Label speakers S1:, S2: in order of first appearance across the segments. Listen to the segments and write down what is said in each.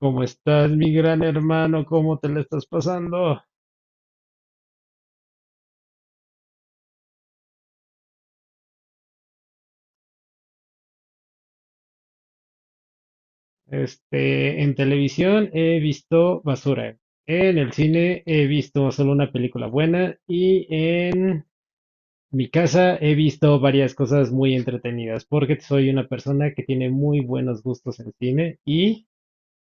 S1: ¿Cómo estás, mi gran hermano? ¿Cómo te la estás pasando? Este, en televisión he visto basura. En el cine he visto solo una película buena y en mi casa he visto varias cosas muy entretenidas porque soy una persona que tiene muy buenos gustos en cine y,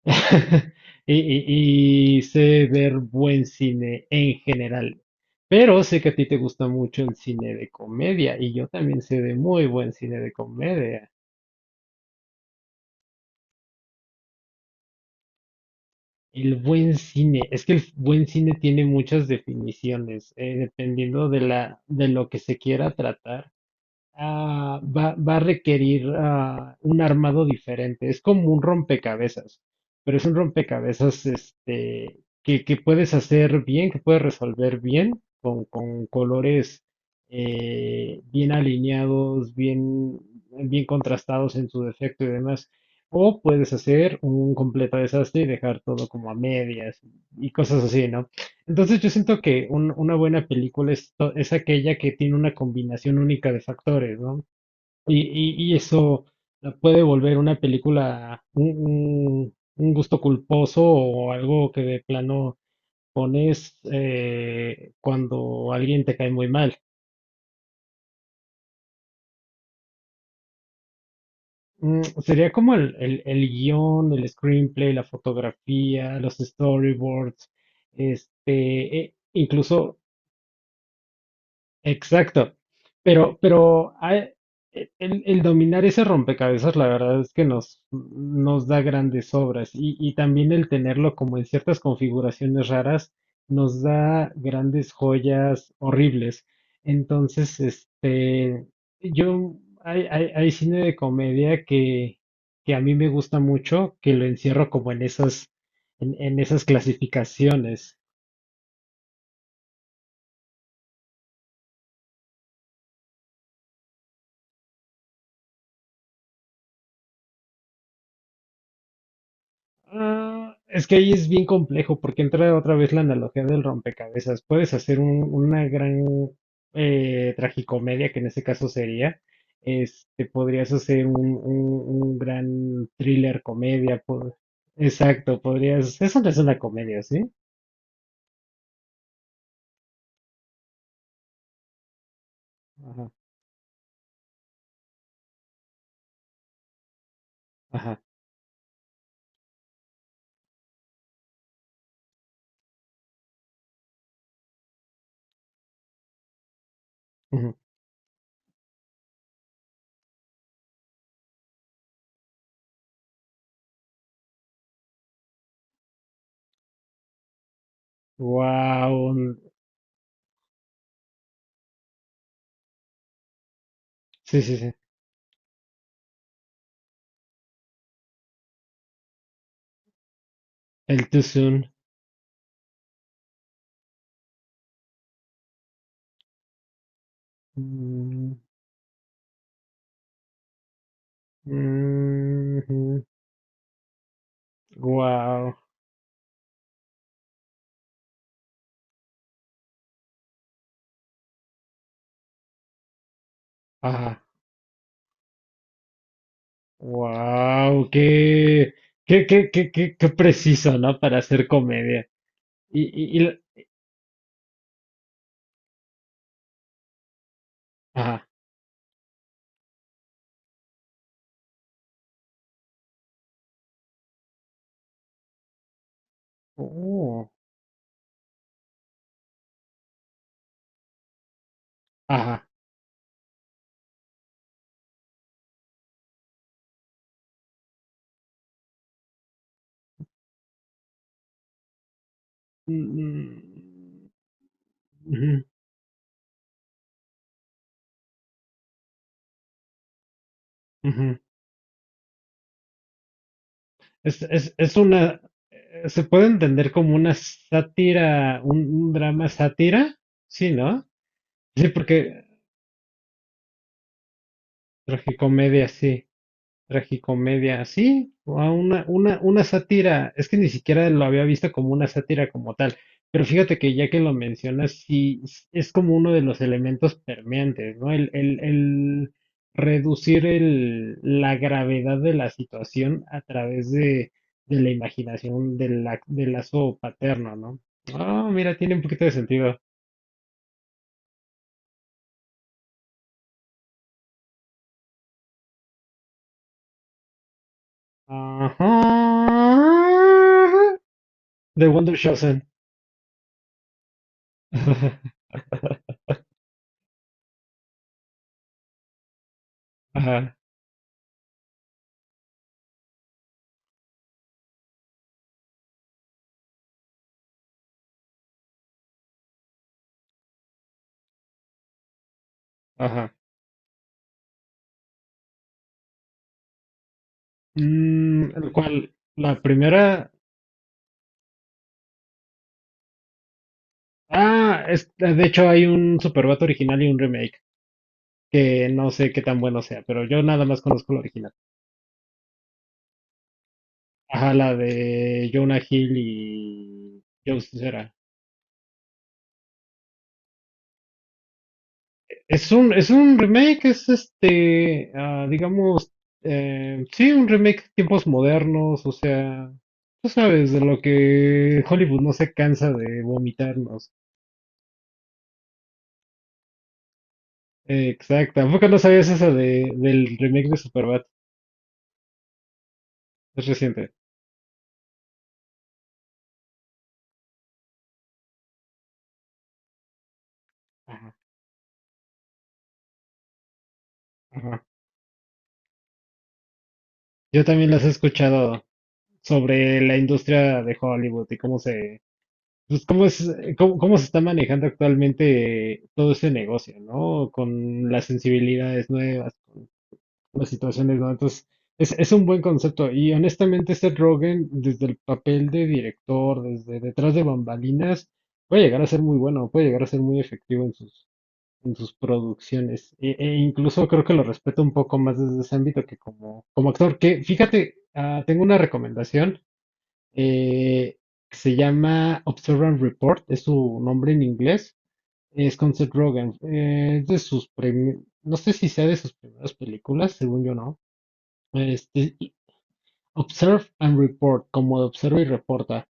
S1: y, y sé ver buen cine en general. Pero sé que a ti te gusta mucho el cine de comedia y yo también sé de muy buen cine de comedia. El buen cine, es que el buen cine tiene muchas definiciones, dependiendo de de lo que se quiera tratar. Va a requerir un armado diferente. Es como un rompecabezas, pero es un rompecabezas este, que puedes hacer bien, que puedes resolver bien, con colores bien alineados, bien, bien contrastados en su defecto y demás. O puedes hacer un completo desastre y dejar todo como a medias y cosas así, ¿no? Entonces yo siento que una buena película es, es aquella que tiene una combinación única de factores, ¿no? Y eso la puede volver una película un gusto culposo o algo que de plano pones cuando alguien te cae muy mal. Mm, sería como el guión, el screenplay, la fotografía, los storyboards, este, incluso. Exacto. Pero, pero hay- el dominar ese rompecabezas, la verdad es que nos da grandes obras y también el tenerlo como en ciertas configuraciones raras nos da grandes joyas horribles. Entonces, este, yo, hay cine de comedia que a mí me gusta mucho, que lo encierro como en esas, en esas clasificaciones. Ah, es que ahí es bien complejo porque entra otra vez la analogía del rompecabezas. Puedes hacer una gran tragicomedia, que en este caso sería, este, podrías hacer un gran thriller comedia. Exacto, podrías. Eso no es una comedia, ¿sí? Ajá, ajá. Wow. Sí, sí, sí. El Too Soon. Wow. Wow, qué preciso, ¿no? Para hacer comedia. Y, y, y la- ajá. Oh, ajá. Mm, mm, ujú, ujú. Es una, se puede entender como una sátira, un drama sátira, sí, ¿no? Sí, porque tragicomedia, sí. Tragicomedia, sí, o a una sátira, es que ni siquiera lo había visto como una sátira como tal, pero fíjate que ya que lo mencionas, sí, es como uno de los elementos permeantes, ¿no? El reducir la gravedad de la situación a través de la imaginación del lazo paterno, ¿no? Ah, mira, tiene un poquito de sentido. Ajá. De Wonder Shosen. Ajá, ajá. Mm, ¿cuál? La primera. Ah, es, de hecho hay un Superbat original y un remake, que no sé qué tan bueno sea, pero yo nada más conozco la original. Ajá, la de Jonah Hill y Joe Cera. Es un remake, es este, ah, digamos, sí, un remake tiempos modernos, o sea, tú sabes de lo que Hollywood no se cansa de vomitarnos. Exacto, ¿a poco no sabías esa de, del remake de Superbad? Es reciente. Ajá, ajá. Yo también las he escuchado sobre la industria de Hollywood y cómo se, pues cómo es, cómo se está manejando actualmente todo ese negocio, ¿no? Con las sensibilidades nuevas, las situaciones nuevas. Entonces, es un buen concepto. Y honestamente, Seth Rogen, desde el papel de director, desde detrás de bambalinas, puede llegar a ser muy bueno, puede llegar a ser muy efectivo en en sus producciones. E incluso creo que lo respeto un poco más desde ese ámbito que como, como actor. Que fíjate, ah, tengo una recomendación eh, que se llama Observe and Report, es su nombre en inglés, es con Seth Rogen. Es de sus no sé si sea de sus primeras películas, según yo no. Este, y Observe and Report, como de observa y reporta.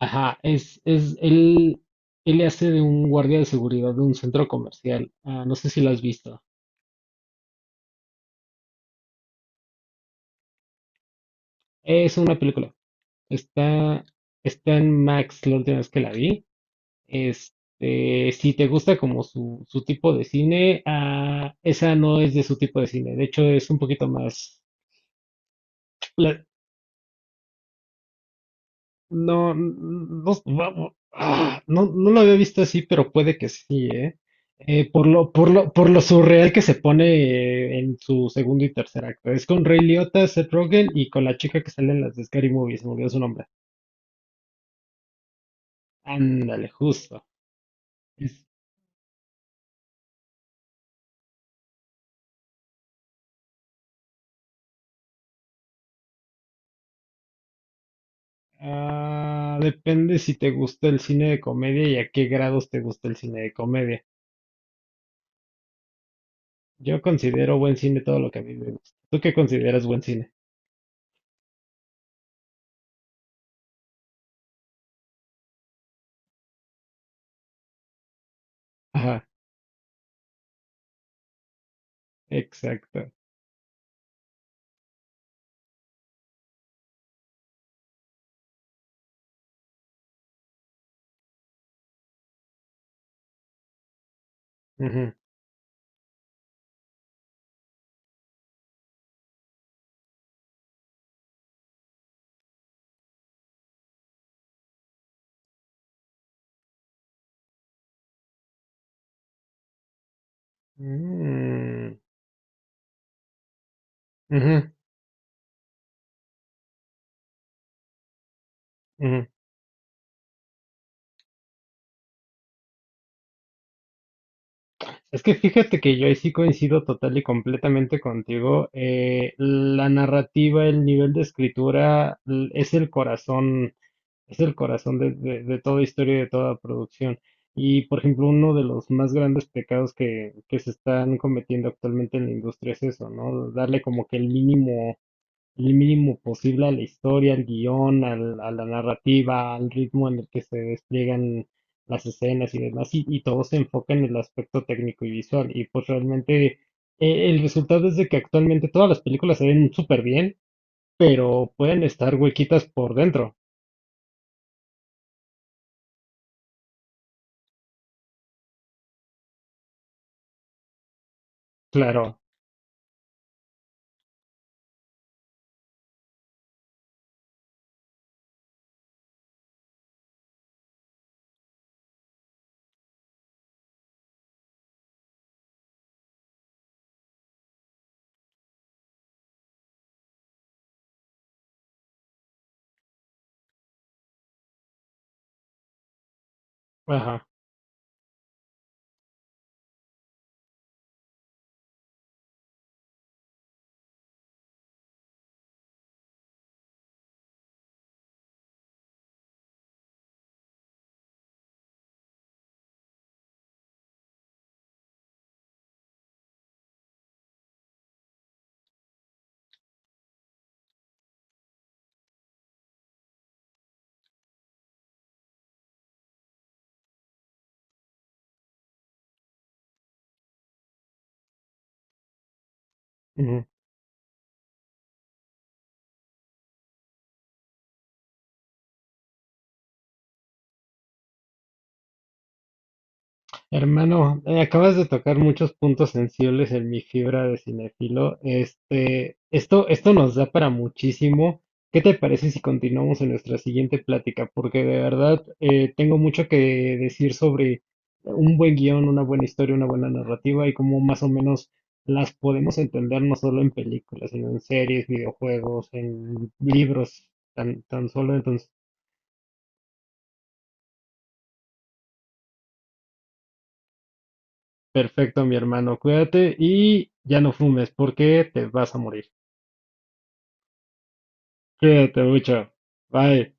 S1: Ajá, él, él le hace de un guardia de seguridad de un centro comercial. Ah, no sé si lo has visto. Es una película. Está, está en Max la última vez que la vi. Este, si te gusta como su tipo de cine, ah, esa no es de su tipo de cine. De hecho, es un poquito más. la- no, no, vamos, ah, no, no lo había visto así, pero puede que sí, ¿eh? Por lo surreal que se pone en su segundo y tercer acto. Es con Ray Liotta, Seth Rogen y con la chica que sale en las de Scary Movie, se me olvidó su nombre. Ándale, justo. Ah, depende si te gusta el cine de comedia y a qué grados te gusta el cine de comedia. Yo considero buen cine todo lo que a mí me gusta. ¿Tú qué consideras buen cine? Ajá, exacto. Ujú. Mm, ujú, ujú. Es que fíjate que yo ahí sí coincido total y completamente contigo. La narrativa, el nivel de escritura es el corazón, es el corazón de, de toda historia y de toda producción. Y, por ejemplo, uno de los más grandes pecados que se están cometiendo actualmente en la industria es eso, ¿no? Darle como que el mínimo posible a la historia, al guión, a la narrativa, al ritmo en el que se despliegan las escenas y demás, y todo se enfoca en el aspecto técnico y visual. Y pues realmente el resultado es de que actualmente todas las películas se ven súper bien, pero pueden estar huequitas por dentro. Claro. Ajá. Ujú. Hermano, acabas de tocar muchos puntos sensibles en mi fibra de cinefilo. Este, esto nos da para muchísimo. ¿Qué te parece si continuamos en nuestra siguiente plática? Porque de verdad tengo mucho que decir sobre un buen guión, una buena historia, una buena narrativa y cómo más o menos las podemos entender no solo en películas, sino en series, videojuegos, en libros, tan, tan solo. Entonces, perfecto, mi hermano. Cuídate y ya no fumes porque te vas a morir. Cuídate mucho. Bye.